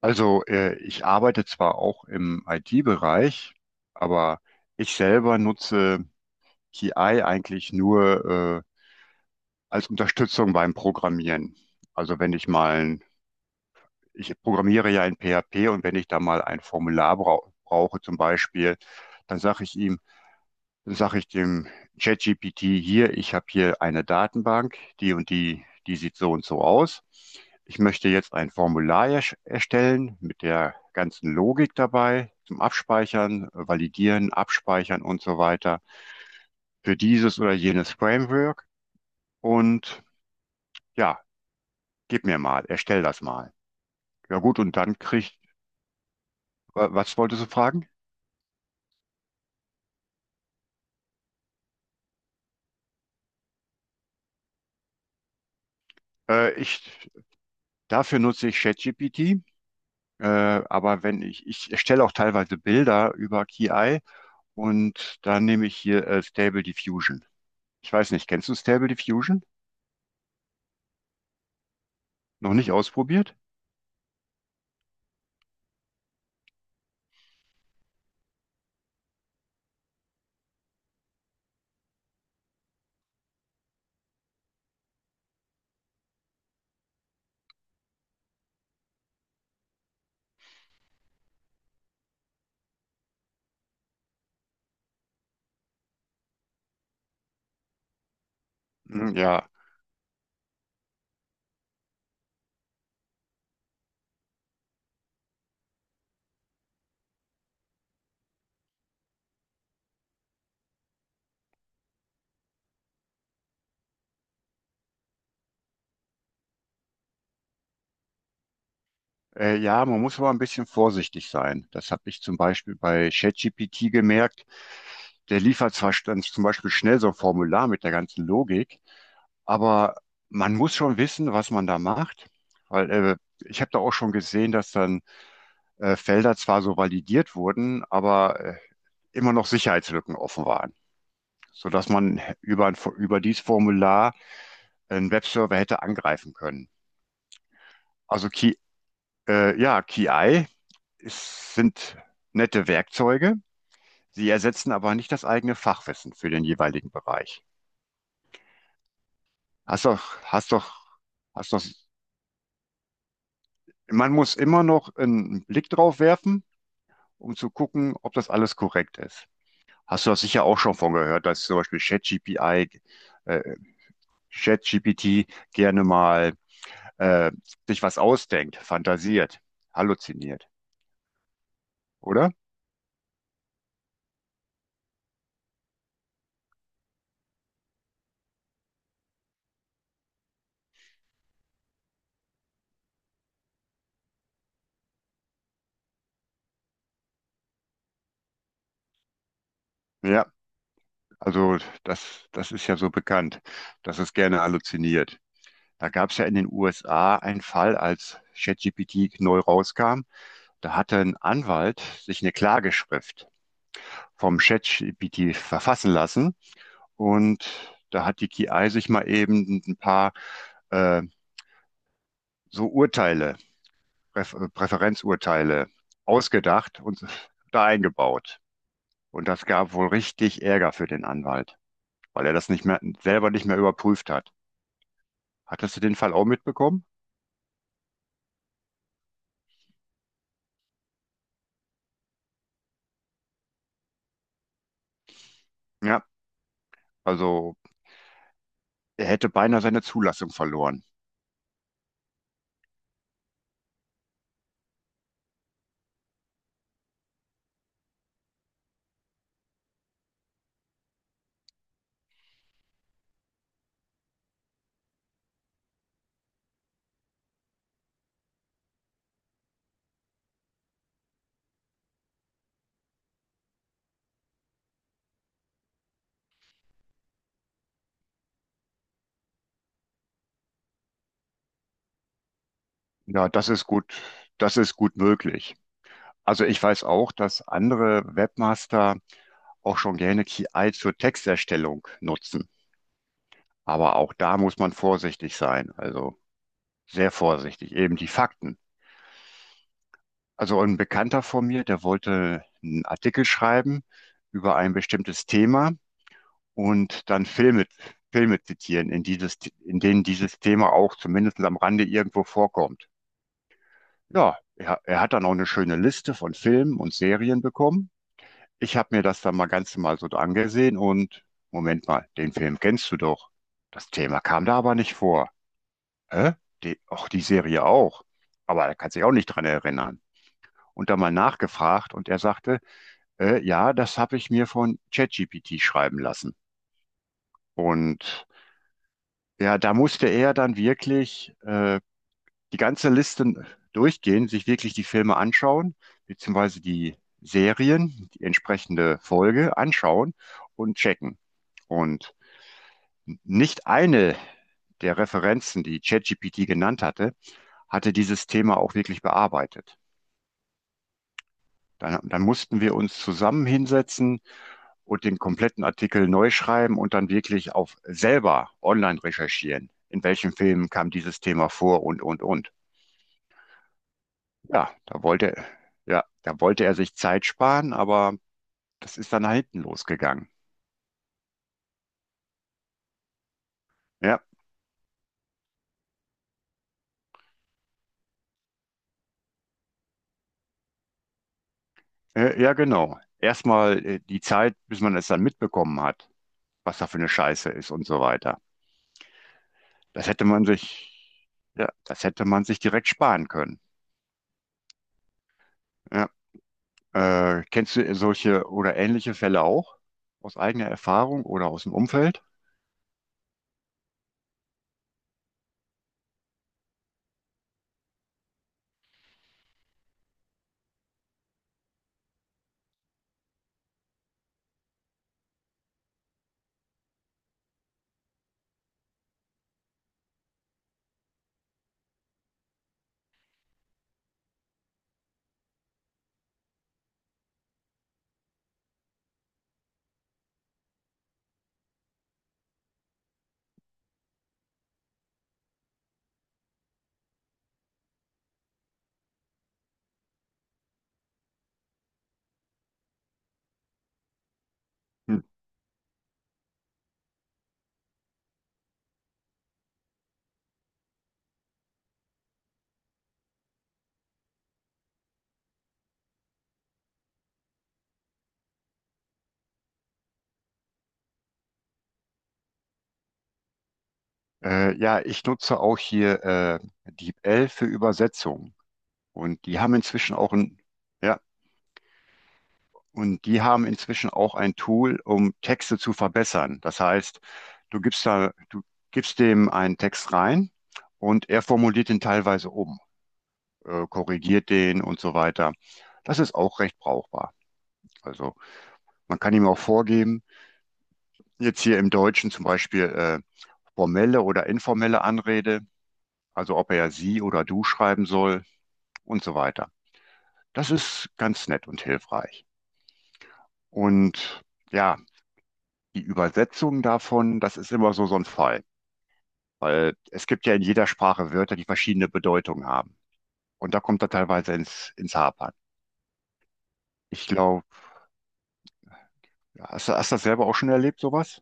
Also, ich arbeite zwar auch im IT-Bereich, aber ich selber nutze KI eigentlich nur äh, als Unterstützung beim Programmieren. Also, wenn ich mal, ein, ich programmiere ja in PHP und wenn ich da mal ein Formular brauche zum Beispiel, dann sage ich ihm, dann sage ich dem ChatGPT hier, ich habe hier eine Datenbank, die und die, die sieht so und so aus. Ich möchte jetzt ein Formular erstellen mit der ganzen Logik dabei zum Abspeichern, Validieren, Abspeichern und so weiter für dieses oder jenes Framework. Und ja, gib mir mal, erstell das mal. Ja gut, und dann kriegt, was wolltest du fragen? Ich, dafür nutze ich ChatGPT. Aber wenn ich, ich erstelle auch teilweise Bilder über KI, und dann nehme ich hier Stable Diffusion. Ich weiß nicht, kennst du Stable Diffusion? Noch nicht ausprobiert? Hm, ja. Ja, man muss aber ein bisschen vorsichtig sein. Das habe ich zum Beispiel bei ChatGPT gemerkt. Der liefert zwar dann zum Beispiel schnell so ein Formular mit der ganzen Logik, aber man muss schon wissen, was man da macht. Weil ich habe da auch schon gesehen, dass dann Felder zwar so validiert wurden, aber immer noch Sicherheitslücken offen waren, sodass man über dieses Formular einen Webserver hätte angreifen können. Also KI ist, sind nette Werkzeuge, sie ersetzen aber nicht das eigene Fachwissen für den jeweiligen Bereich. Hast doch, hast doch, hast doch, man muss immer noch einen Blick drauf werfen, um zu gucken, ob das alles korrekt ist. Hast du das sicher auch schon von gehört, dass zum Beispiel äh, ChatGPT gerne mal äh, sich was ausdenkt, fantasiert, halluziniert, oder? Ja, also das ist ja so bekannt, dass es gerne halluziniert. Da gab es ja in den USA einen Fall, als ChatGPT neu rauskam. Da hatte ein Anwalt sich eine Klageschrift vom ChatGPT verfassen lassen und da hat die KI sich mal eben ein paar äh, so Urteile, Präferenzurteile ausgedacht und da eingebaut. Und das gab wohl richtig Ärger für den Anwalt, weil er das nicht mehr überprüft hat. Hattest du den Fall auch mitbekommen? Ja, also er hätte beinahe seine Zulassung verloren. Ja, das ist gut möglich. Also ich weiß auch, dass andere Webmaster auch schon gerne KI zur Texterstellung nutzen. Aber auch da muss man vorsichtig sein. Also sehr vorsichtig. Eben die Fakten. Also ein Bekannter von mir, der wollte einen Artikel schreiben über ein bestimmtes Thema und Filme zitieren, in denen dieses Thema auch zumindest am Rande irgendwo vorkommt. Ja, er hat dann auch eine schöne Liste von Filmen und Serien bekommen. Ich habe mir das dann mal ganz normal so angesehen und Moment mal, den Film kennst du doch. Das Thema kam da aber nicht vor. Hä? Die, auch die Serie auch. Aber er kann sich auch nicht dran erinnern. Und dann mal nachgefragt und er sagte, ja, das habe ich mir von ChatGPT schreiben lassen. Und ja, da musste er dann wirklich die ganze Liste durchgehen, sich wirklich die Filme anschauen, beziehungsweise die Serien, die entsprechende Folge anschauen und checken. Und nicht eine der Referenzen, die ChatGPT genannt hatte, hatte dieses Thema auch wirklich bearbeitet. Dann mussten wir uns zusammen hinsetzen und den kompletten Artikel neu schreiben und dann wirklich auf selber online recherchieren. In welchen Filmen kam dieses Thema vor und, und. Ja, da wollte, ja, da wollte er sich Zeit sparen, aber das ist dann nach hinten losgegangen. Ja, ja, genau. Erstmal die Zeit, bis man es dann mitbekommen hat, was da für eine Scheiße ist und so weiter. Das hätte man sich, ja, das hätte man sich direkt sparen können. Ja, kennst du solche oder ähnliche Fälle auch aus eigener Erfahrung oder aus dem Umfeld? Hm. Ja, ich nutze auch hier DeepL für Übersetzung und die haben inzwischen auch ein ja und die haben inzwischen auch ein Tool, um Texte zu verbessern. Das heißt, du gibst dem einen Text rein und er formuliert den teilweise um, korrigiert den und so weiter. Das ist auch recht brauchbar. Also man kann ihm auch vorgeben, jetzt hier im Deutschen zum Beispiel formelle oder informelle Anrede, also ob er sie oder du schreiben soll und so weiter. Das ist ganz nett und hilfreich. Und ja, die Übersetzung davon, das ist immer so ein Fall. Weil es gibt ja in jeder Sprache Wörter, die verschiedene Bedeutungen haben. Und da kommt er teilweise ins Hapern. Ich glaube, hast du das selber auch schon erlebt, sowas?